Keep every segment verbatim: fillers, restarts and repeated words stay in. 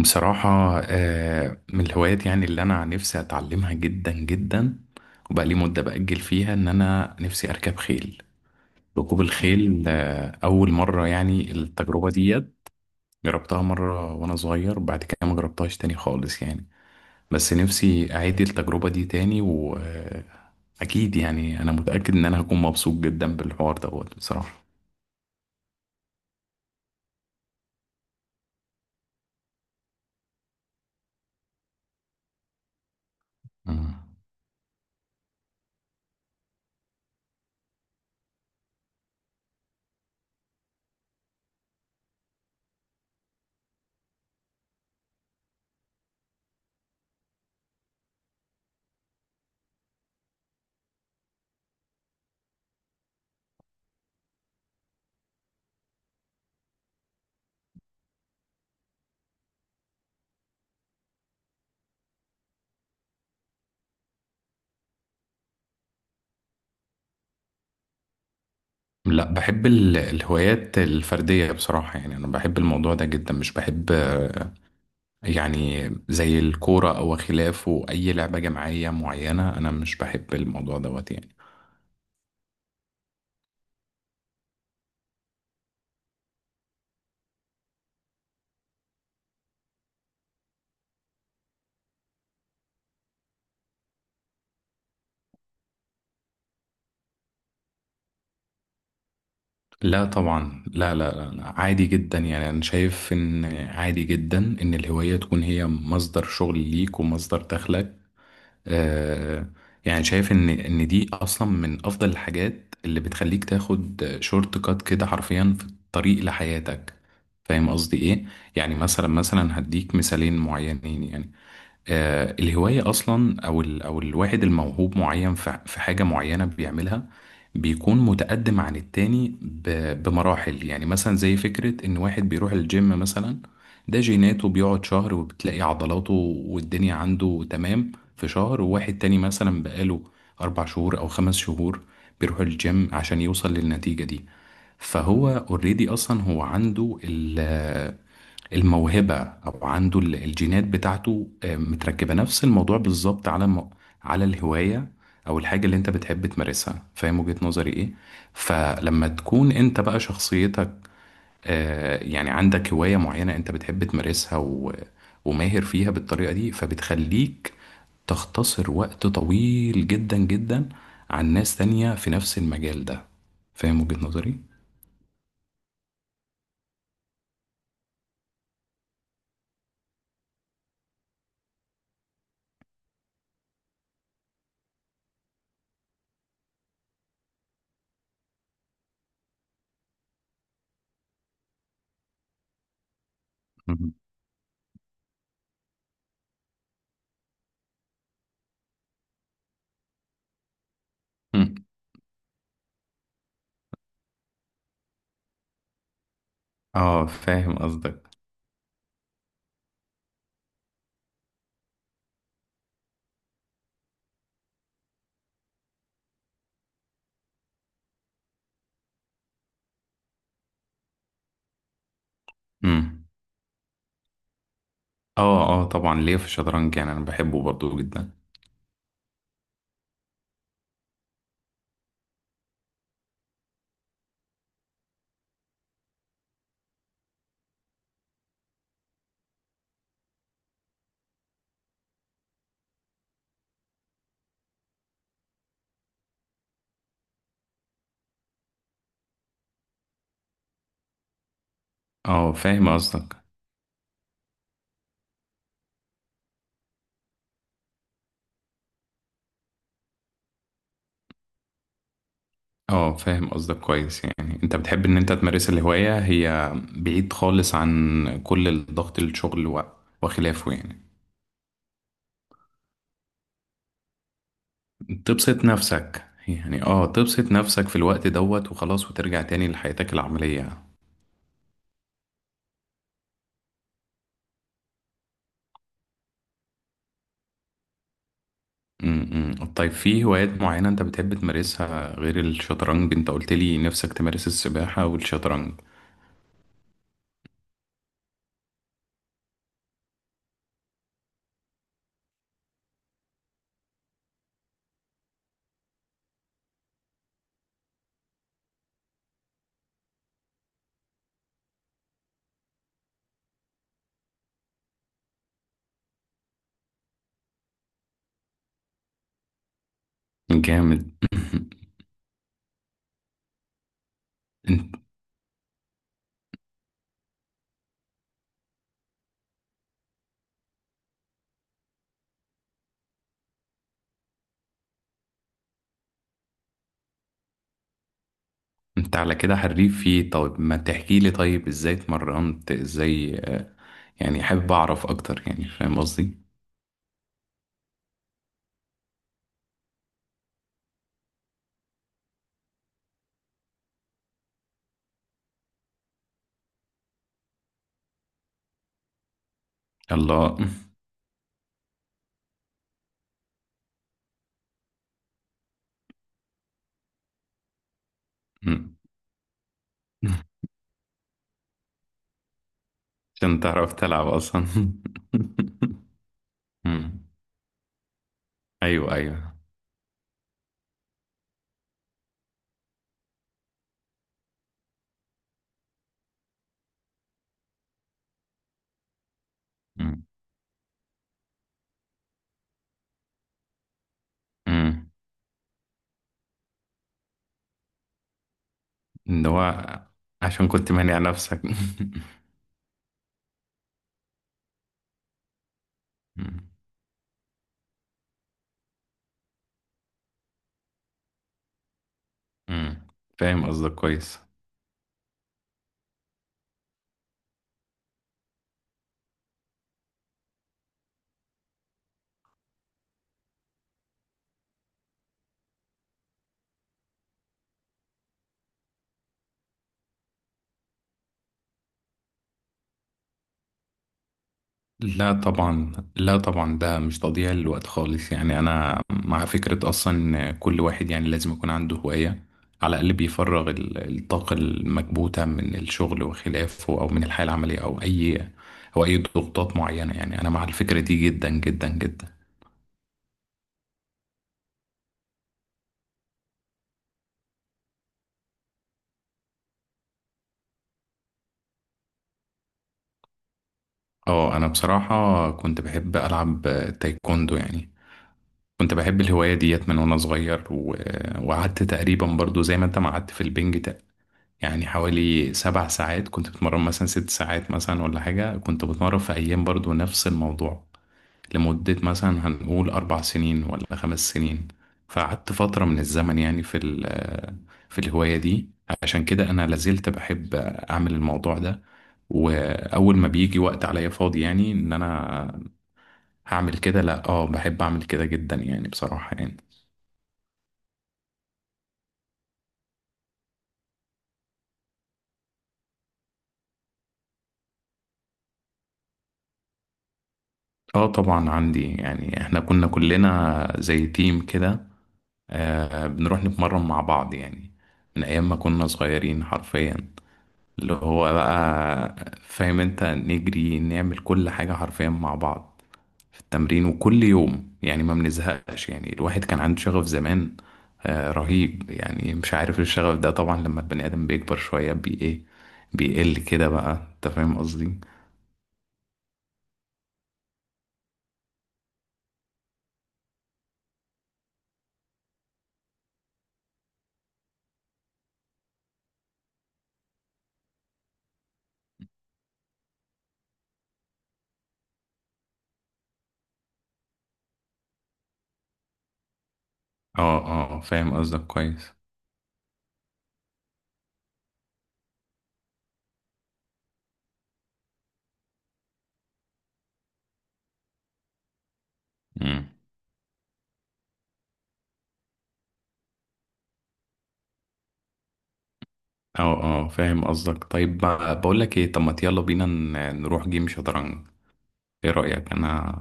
بصراحة، آه، من الهوايات يعني اللي أنا نفسي أتعلمها جدا جدا. وبقى لي مدة بأجل فيها إن أنا نفسي أركب خيل، ركوب الخيل. آه، أول مرة يعني التجربة ديت جربتها مرة وأنا صغير، بعد كده ما جربتهاش تاني خالص يعني. بس نفسي أعيد التجربة دي تاني، وأكيد يعني أنا متأكد إن أنا هكون مبسوط جدا بالحوار دوت بصراحة. مم. لا، بحب ال- الهوايات الفردية بصراحة، يعني أنا بحب الموضوع ده جدا، مش بحب يعني زي الكورة أو خلافه أي لعبة جماعية معينة، أنا مش بحب الموضوع دوت يعني. لا طبعا، لا لا لا لا. عادي جدا، يعني أنا شايف إن عادي جدا إن الهواية تكون هي مصدر شغل ليك ومصدر دخلك. آه يعني شايف إن إن دي أصلا من أفضل الحاجات اللي بتخليك تاخد شورت كات كده حرفيا في الطريق لحياتك. فاهم قصدي إيه؟ يعني مثلا مثلا هديك مثالين معينين يعني. آه، الهواية أصلا أو ال أو الواحد الموهوب معين في في حاجة معينة بيعملها، بيكون متقدم عن التاني ب- بمراحل. يعني مثلا زي فكرة إن واحد بيروح الجيم مثلا ده جيناته بيقعد شهر وبتلاقي عضلاته والدنيا عنده تمام في شهر، وواحد تاني مثلا بقاله أربع شهور أو خمس شهور بيروح الجيم عشان يوصل للنتيجة دي. فهو اوريدي أصلا هو عنده الموهبة، أو عنده ال- الجينات بتاعته آه، متركبة نفس الموضوع بالظبط على م... على الهواية أو الحاجة اللي أنت بتحب تمارسها. فاهم وجهة نظري إيه؟ فلما تكون أنت بقى شخصيتك، آه، يعني عندك هواية معينة أنت بتحب تمارسها و... وماهر فيها بالطريقة دي، فبتخليك تختصر وقت طويل جدا جدا عن ناس تانية في نفس المجال ده. فاهم وجهة نظري؟ مم. مم. اه، فاهم قصدك. مم. اه اه، طبعا ليا في الشطرنج، يعني انا بحبه برضو جدا. اه، فاهم قصدك. اه، فاهم قصدك كويس. يعني انت بتحب ان انت تمارس الهواية هي بعيد خالص عن كل الضغط، الشغل و- وخلافه يعني. تبسط نفسك يعني، اه، تبسط نفسك في الوقت دوت وخلاص، وترجع تاني لحياتك العملية. م -م. طيب، في هوايات معينة انت بتحب تمارسها غير الشطرنج؟ انت قلت لي نفسك تمارس السباحة والشطرنج. جامد. انت على كده حريف فيه. طيب، ما تحكي لي طيب ازاي اتمرنت؟ ازاي آه، يعني حابب اعرف اكتر يعني، فاهم قصدي؟ الله. مم. عشان تعرف تلعب اصلا. مم. ايوه ايوه. مم. مم. ان هو عشان كنت مانع نفسك. مم. مم. فاهم قصدك كويس. لا طبعا، لا طبعا، ده مش تضييع للوقت خالص يعني. انا مع فكرة اصلا إن كل واحد يعني لازم يكون عنده هواية، على الاقل بيفرغ ال- الطاقة المكبوتة من الشغل وخلافه، او من الحياة العملية، او اي او اي ضغوطات معينة. يعني انا مع الفكرة دي جدا جدا جدا. اه، انا بصراحة كنت بحب العب تايكوندو يعني، كنت بحب الهواية ديت من وانا صغير و- وقعدت تقريبا برضو زي ما انت ما قعدت في البنج، يعني حوالي سبع ساعات كنت بتمرن، مثلا ست ساعات مثلا ولا حاجة كنت بتمرن في أيام برضو نفس الموضوع، لمدة مثلا هنقول أربع سنين ولا خمس سنين. فقعدت فترة من الزمن يعني في ال- في الهواية دي، عشان كده أنا لازلت بحب أعمل الموضوع ده. وأول ما بيجي وقت عليا فاضي يعني إن أنا هعمل كده، لأ، آه، بحب أعمل كده جدا يعني بصراحة يعني. اه طبعا عندي، يعني احنا كنا كلنا زي تيم كده. آه، بنروح نتمرن مع بعض يعني، من أيام ما كنا صغيرين حرفيا، اللي هو بقى فاهم انت نجري نعمل كل حاجة حرفيا مع بعض في التمرين، وكل يوم يعني ما بنزهقش. يعني الواحد كان عنده شغف زمان، آه، رهيب. يعني مش عارف إيه الشغف ده. طبعا لما البني آدم بيكبر شوية بي ايه بيقل كده بقى. انت فاهم قصدي؟ اه اه، فاهم قصدك كويس. مم. اه اه، فاهم قصدك. طيب بقى، بقول لك ايه، طب ما يلا بينا ن- نروح جيم شطرنج. ايه رأيك؟ انا.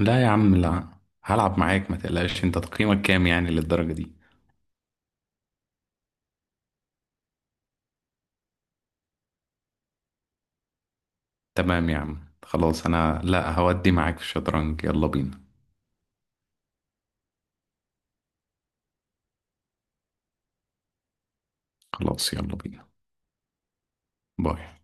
لا يا عم لا، هلعب معاك ما تقلقش. انت تقييمك كام يعني للدرجة دي؟ تمام يا عم، خلاص انا لا هودي معاك في الشطرنج. يلا بينا. خلاص، يلا بينا. باي.